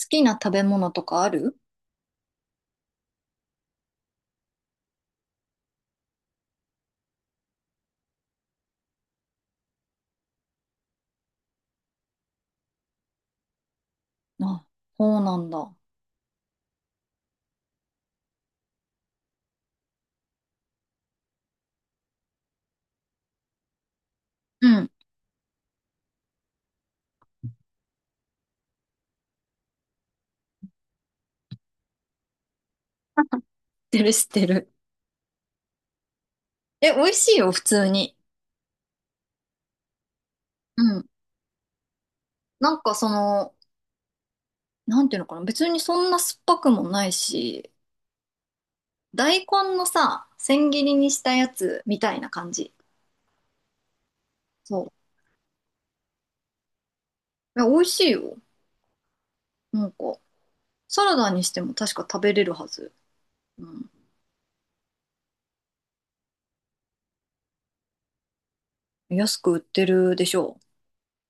好きな食べ物とかある？あ、そうなんだ。うん。知ってる、知ってる。え、美味しいよ、普通に。うん。なんかその、なんていうのかな、別にそんな酸っぱくもないし、大根のさ、千切りにしたやつみたいな感じ。そう。え、美味しいよ。なんか、サラダにしても確か食べれるはず。うん。安く売ってるでしょう。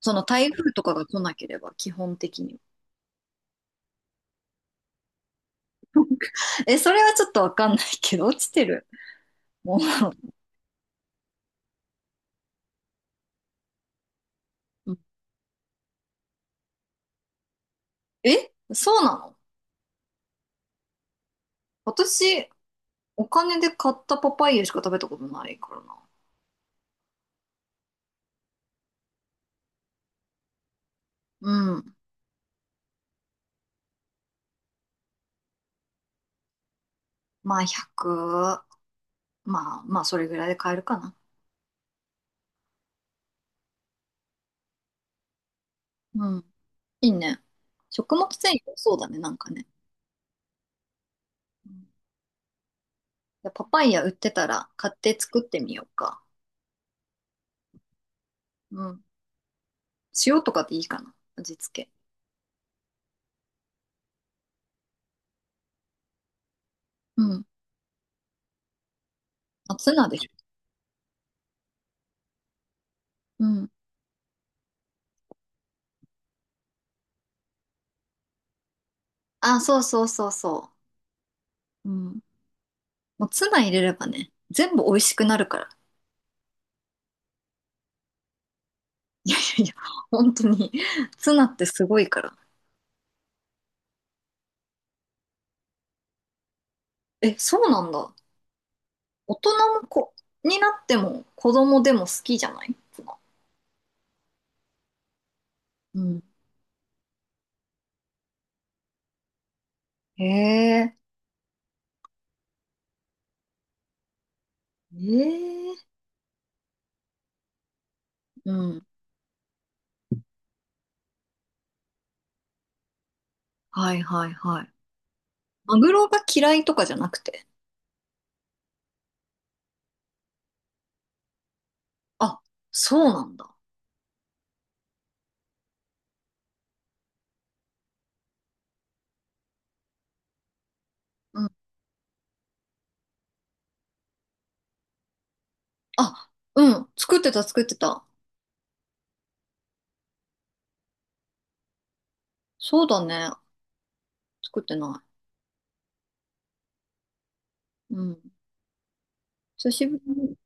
その台風とかが来なければ、基本的に。え、それはちょっとわかんないけど、落ちてる。もう。え、そうなの？私、お金で買ったパパイヤしか食べたことないからな。うん。まあ、100。まあ、まあ、それぐらいで買えるかな。うん。いいね。食物繊維、そうだね、なんかね。うん。いや、パパイヤ売ってたら買って作ってみようか。うん。塩とかでいいかな。味付け。うん。まあ、ツナでしょ。うん。あ、そうそうそうそう。うん。もうツナ入れればね、全部美味しくなるから。いやいやいや、本当に。ツナってすごいから。え、そうなんだ。大人も子になっても子供でも好きじゃないツナ。うん。へえ。ええ。うん。はいはいはい。マグロが嫌いとかじゃなくて。あ、そうなんだ。うん。あ、うん。作ってた作ってた。そうだね。作ってない。うん。久しぶりに。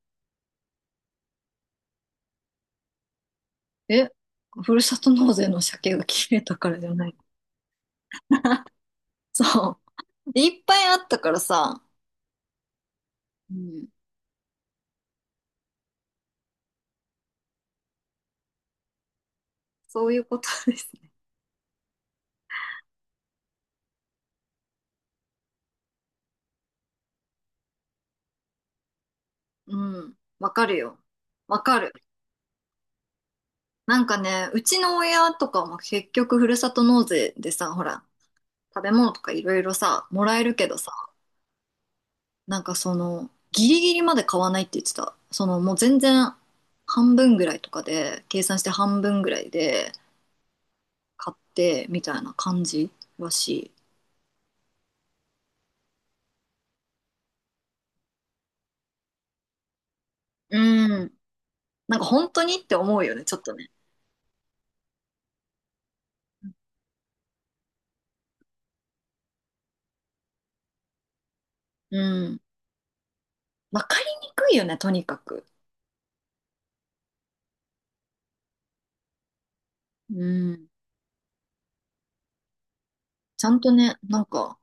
え、ふるさと納税の鮭が切れたからじゃない？そう。いっぱいあったからさ。うん。そういうことですね。うん。わかるよ。わかる。なんかね、うちの親とかも結局ふるさと納税でさ、ほら、食べ物とかいろいろさ、もらえるけどさ、なんかその、ギリギリまで買わないって言ってた。その、もう全然半分ぐらいとかで、計算して半分ぐらいで買って、みたいな感じらしい。うん。なんか本当にって思うよね、ちょっとね。うん。わかりにくいよね、とにかく。うん。ちゃんとね、なんか、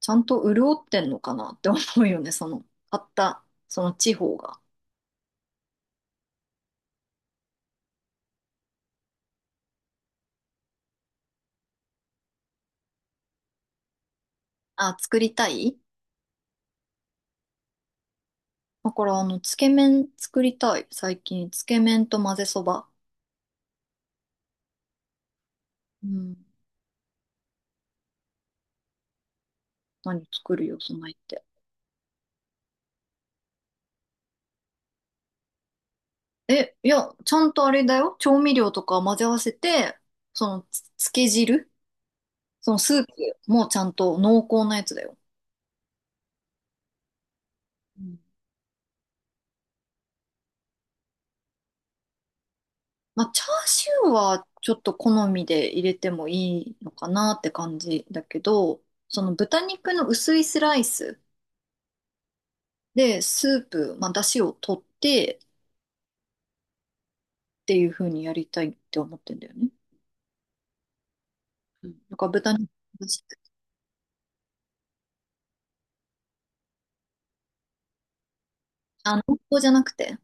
ちゃんと潤ってんのかなって思うよね、その、買った、その地方が。あ、作りたい。だから、あの、つけ麺作りたい。最近、つけ麺と混ぜそば。うん。何作るよ、そないって。え、いや、ちゃんとあれだよ。調味料とか混ぜ合わせて、その、つけ汁、そのスープもちゃんと濃厚なやつだよ。うん。まあ、チャーシューはちょっと好みで入れてもいいのかなって感じだけど、その豚肉の薄いスライス。で、スープ、まあ、出汁を取ってっていう風にやりたいって思ってんだよね。なんか豚肉の出汁。あ、濃厚じゃなくて、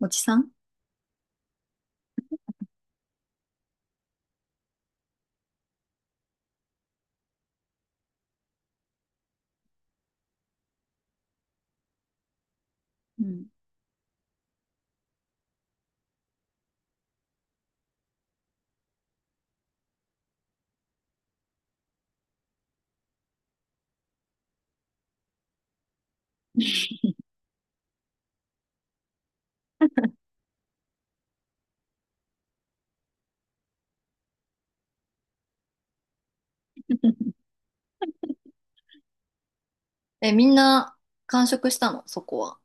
おじさん。うん。え、みんな完食したの、そこは。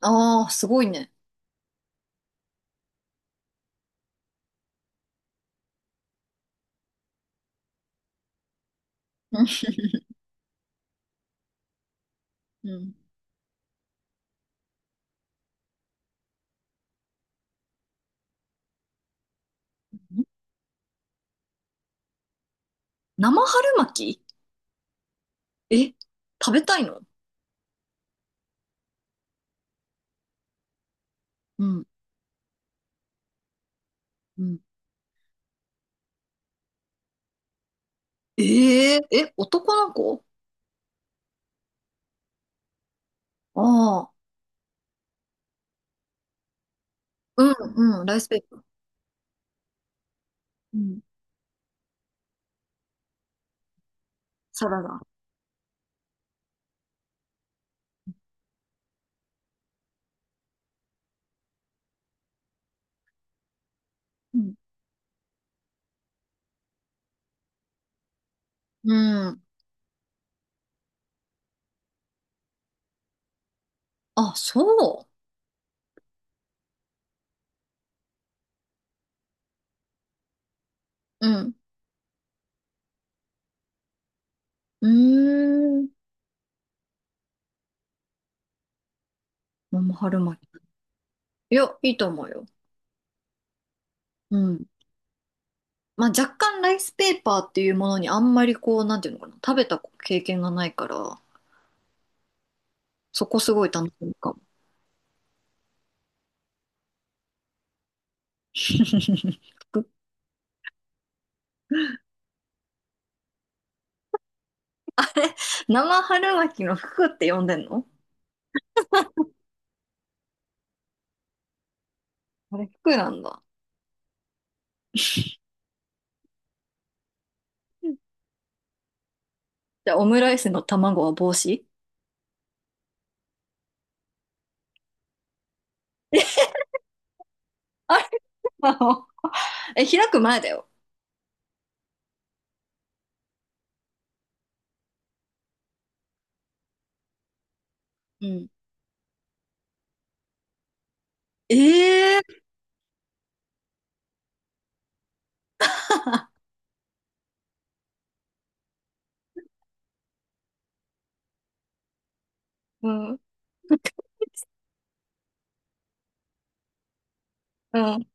ああ、すごいね。うん。うん。生春巻き？え、食べたいの？うん。うん。えー、え、男の子？ああ、うん、うん、ライスペーパー。うん。サラダ。うん。うん。あ、そう。うん。うーん。桃春巻き。いや、いいと思うよ。うん。まあ若干ライスペーパーっていうものにあんまりこう、なんていうのかな、食べた経験がないから、そこすごい楽しみかも。服？生春巻きの服って呼んでんの？あれ服なんだ。うん。じゃあオムライスの卵は帽子？あれなの？え、開く前だよ。うん。ええ。うん。うん。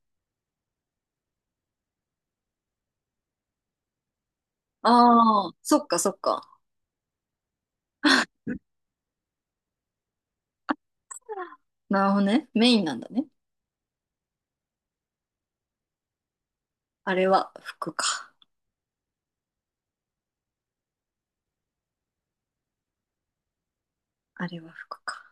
ああ、そっかそっか。なるほどね。メインなんだね。あれは服か。あれは服か。